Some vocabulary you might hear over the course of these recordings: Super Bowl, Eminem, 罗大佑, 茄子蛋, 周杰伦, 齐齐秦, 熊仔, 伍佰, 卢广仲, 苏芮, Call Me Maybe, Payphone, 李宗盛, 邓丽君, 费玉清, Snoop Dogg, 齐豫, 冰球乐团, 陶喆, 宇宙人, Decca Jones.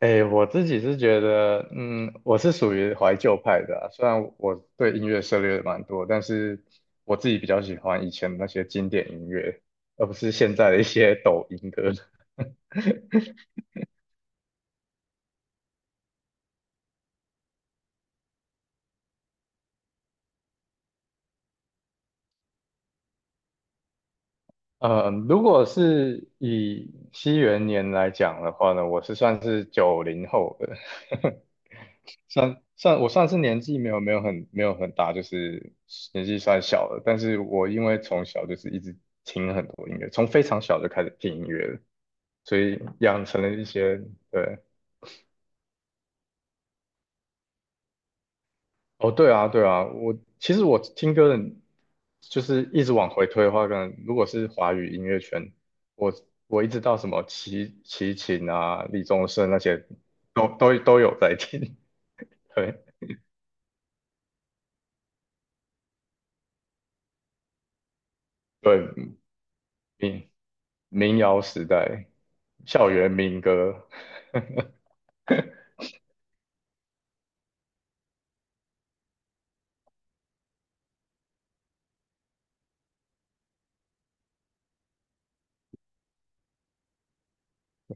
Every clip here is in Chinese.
哎，我自己是觉得，我是属于怀旧派的啊，虽然我对音乐涉猎蛮多，但是我自己比较喜欢以前的那些经典音乐，而不是现在的一些抖音歌。嗯，如果是以西元年来讲的话呢，我是算是90后的。我算是年纪没有很大，就是年纪算小的。但是我因为从小就是一直听很多音乐，从非常小就开始听音乐了。所以养成了一些。对。哦，对啊，对啊，其实我听歌的，就是一直往回推的话，可能如果是华语音乐圈，我我一直到什么齐秦啊、李宗盛那些，都有在听。对对，民民谣时代，校园民歌，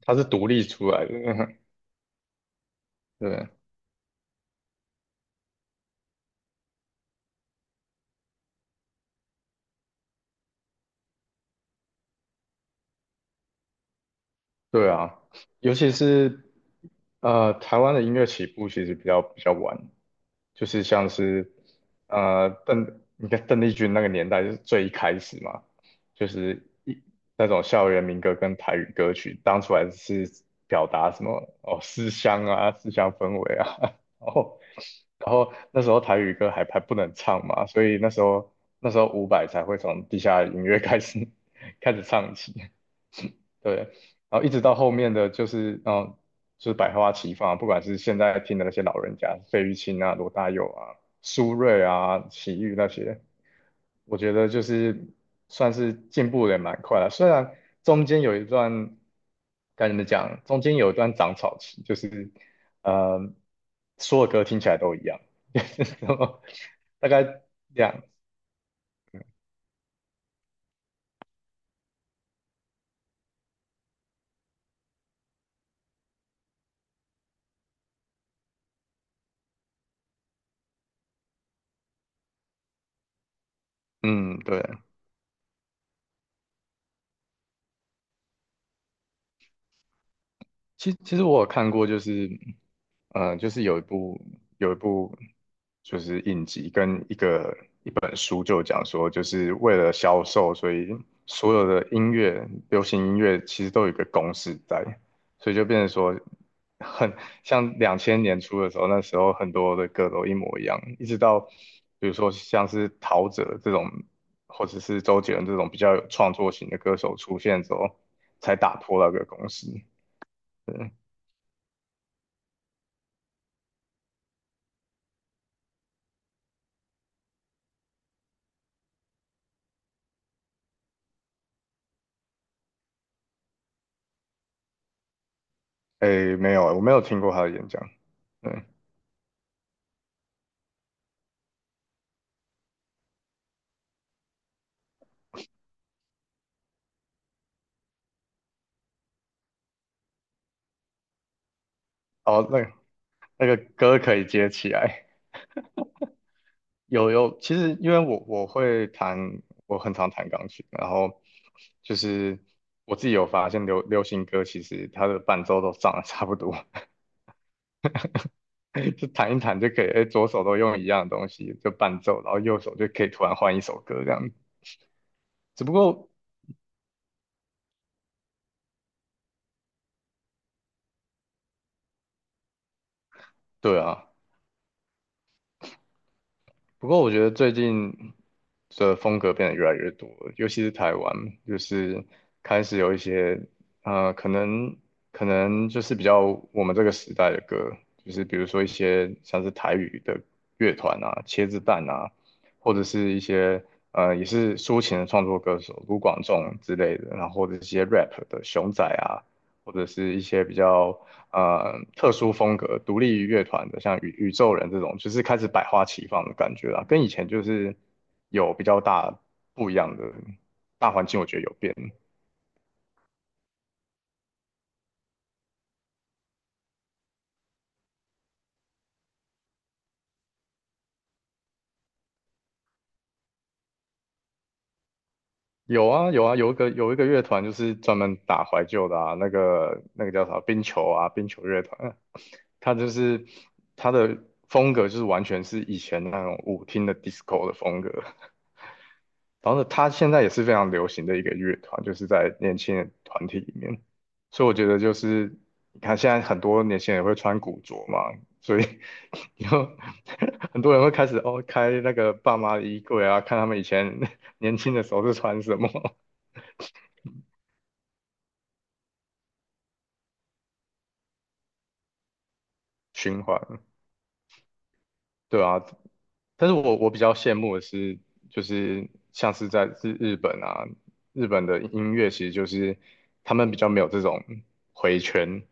它是独立出来的。对对啊，尤其是台湾的音乐起步其实比较晚。就是像是你看邓丽君那个年代就是最一开始嘛，就是那种校园民歌跟台语歌曲，当初还是表达什么哦思乡啊、思乡氛围啊。然后那时候台语歌还不能唱嘛，所以那时候伍佰才会从地下音乐开始 唱起。对，然后一直到后面的就是，就是百花齐放，不管是现在听的那些老人家，费玉清啊、罗大佑啊、苏芮啊、齐豫那些，我觉得就是算是进步的也蛮快了。虽然中间有一段，该怎么讲，中间有一段长草期，就是呃，所有歌听起来都一样。就是什么大概两，嗯，对。其实我有看过，就是就是有一部就是影集跟一本书，就讲说，就是为了销售，所以所有的音乐、流行音乐其实都有一个公式在，所以就变成说很像2000年初的时候，那时候很多的歌都一模一样，一直到比如说像是陶喆这种，或者是周杰伦这种比较有创作型的歌手出现之后，才打破那个公式。对。诶，没有，我没有听过他的演讲。嗯，哦，那个歌可以接起来。有有，其实因为我会弹，我很常弹钢琴，然后就是我自己有发现流行歌其实它的伴奏都长得 差不多。就弹一弹就可以，诶，左手都用一样的东西就伴奏，然后右手就可以突然换一首歌这样。只不过，对啊，不过我觉得最近的风格变得越来越多了，尤其是台湾，就是开始有一些呃，可能可能就是比较我们这个时代的歌，就是比如说一些像是台语的乐团啊、茄子蛋啊，或者是一些也是抒情的创作歌手卢广仲之类的，然后或者是一些 rap 的熊仔啊，或者是一些比较特殊风格、独立于乐团的，像宇宙人这种，就是开始百花齐放的感觉啦，跟以前就是有比较大不一样的大环境，我觉得有变。有啊有啊，有一个乐团就是专门打怀旧的啊，那个叫啥冰球啊，冰球乐团啊，它就是它的风格就是完全是以前那种舞厅的 disco 的风格，然后呢，它现在也是非常流行的一个乐团，就是在年轻人团体里面。所以我觉得就是，你看现在很多年轻人会穿古着嘛，所以 以后 很多人会开始开那个爸妈的衣柜啊，看他们以前 年轻的时候是穿什么。 循环。对啊，但是我比较羡慕的是，就是像是在日本啊，日本的音乐其实就是他们比较没有这种回圈，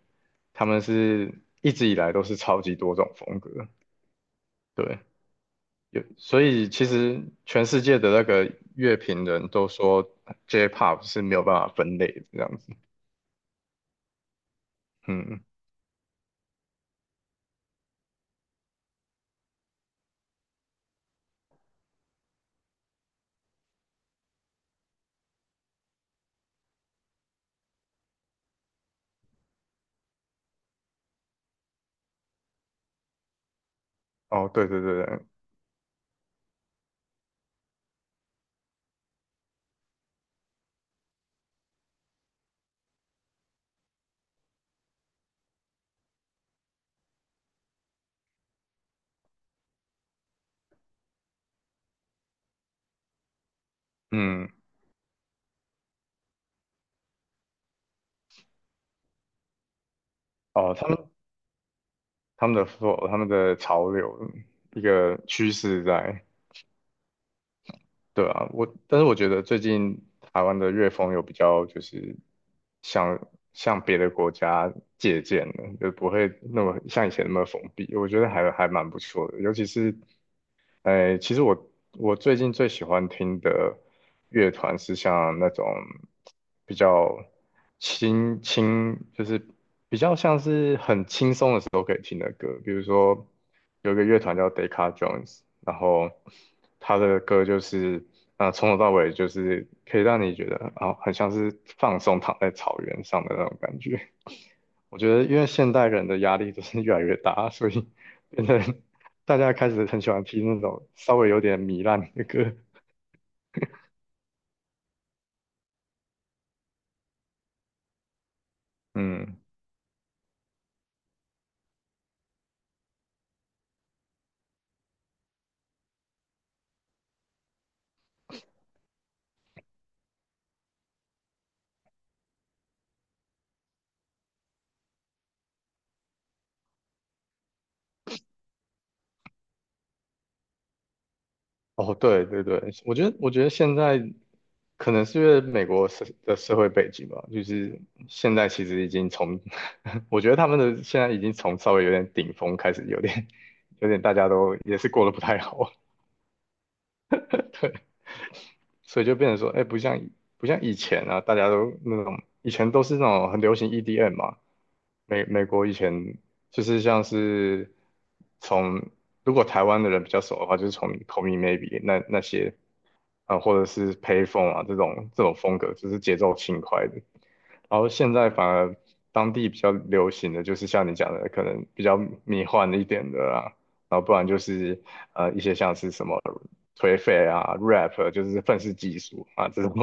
他们是一直以来都是超级多种风格。对，有。所以其实全世界的那个乐评人都说 J-pop 是没有办法分类的这样子。嗯，哦，对对对对，嗯，哦，他们的 flow，他们的潮流一个趋势在。对啊，但是我觉得最近台湾的乐风有比较就是向向别的国家借鉴的，就不会那么像以前那么封闭，我觉得还蛮不错的，尤其是。哎，其实我最近最喜欢听的乐团是像那种比较就是比较像是很轻松的时候可以听的歌。比如说有一个乐团叫 Decca Jones，然后他的歌就是啊、从头到尾就是可以让你觉得啊、很像是放松躺在草原上的那种感觉。我觉得，因为现代人的压力就是越来越大，所以变成大家开始很喜欢听那种稍微有点糜烂的歌。嗯，哦，对对对，我觉得现在可能是因为美国社的社会背景吧，就是现在其实已经从，我觉得他们的现在已经从稍微有点顶峰开始，有点大家都也是过得不太好。所以就变成说，哎，不像以前啊，大家都那种以前都是那种很流行 EDM 嘛，美国以前就是像是从如果台湾的人比较熟的话，就是从 Call Me Maybe 那些啊、或者是 Payphone 啊这种风格，就是节奏轻快的。然后现在反而当地比较流行的就是像你讲的，可能比较迷幻一点的啊，然后不然就是一些像是什么颓废啊、rap 就是愤世嫉俗啊这种。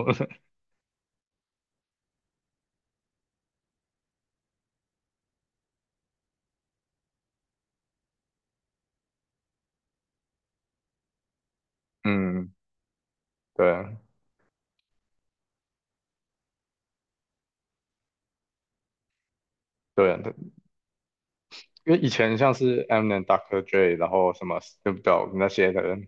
嗯，对对，因为以前像是 Eminem、Dr. Dre，然后什么 Snoop DOG 那些的人，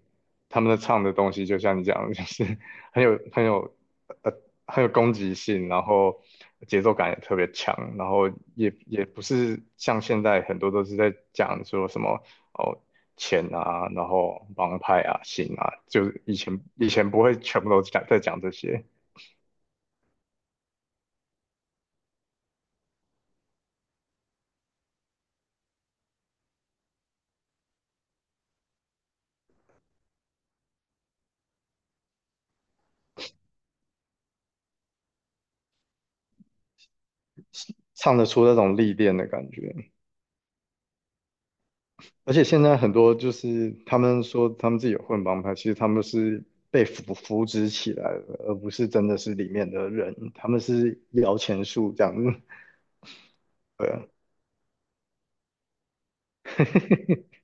他们的唱的东西就像你讲的，就是很有很有呃很有攻击性，然后节奏感也特别强，然后也不是像现在很多都是在讲说什么哦。钱啊，然后帮派啊、性啊，就是以前不会全部都在讲这些，唱得出那种历练的感觉。而且现在很多就是他们说他们自己有混帮派，其实他们是被扶植起来的，而不是真的是里面的人，他们是摇钱树这样子。对啊。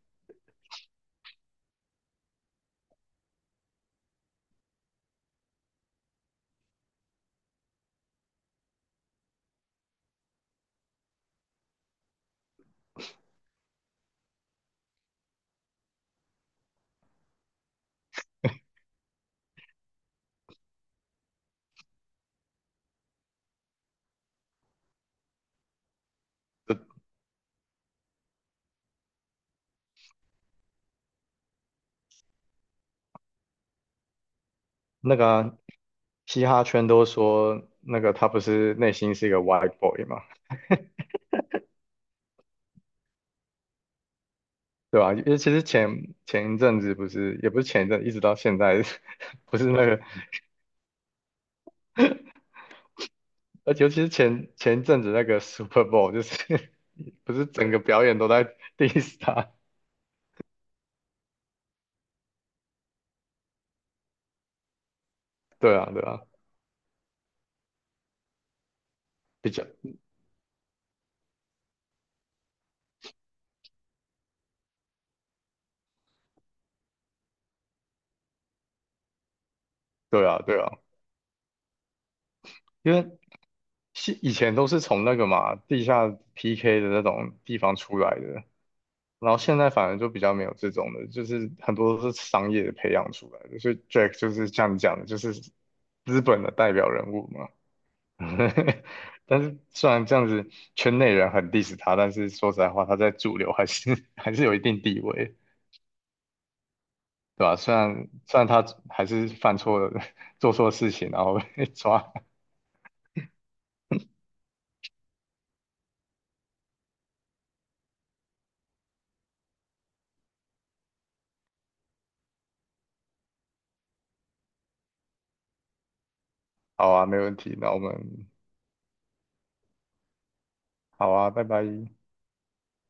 那个啊嘻哈圈都说那个他不是内心是一个 white boy 嘛，对吧？因为其实前一阵子不是，也不是前一阵，一直到现在，不是那个而且尤其是前一阵子那个 Super Bowl，就是 不是整个表演都在 diss 他？对啊，对啊，比较对啊，对啊，因为是以前都是从那个嘛地下 PK 的那种地方出来的，然后现在反而就比较没有这种的，就是很多都是商业培养出来的，所以 Jack 就是像你讲的，就是资本的代表人物嘛。但是虽然这样子圈内人很 diss 他，但是说实在话，他在主流还是 还是有一定地位，对吧？虽然他还是犯错了。做错事情，然后被抓。好啊，没问题。那我们好啊，拜拜。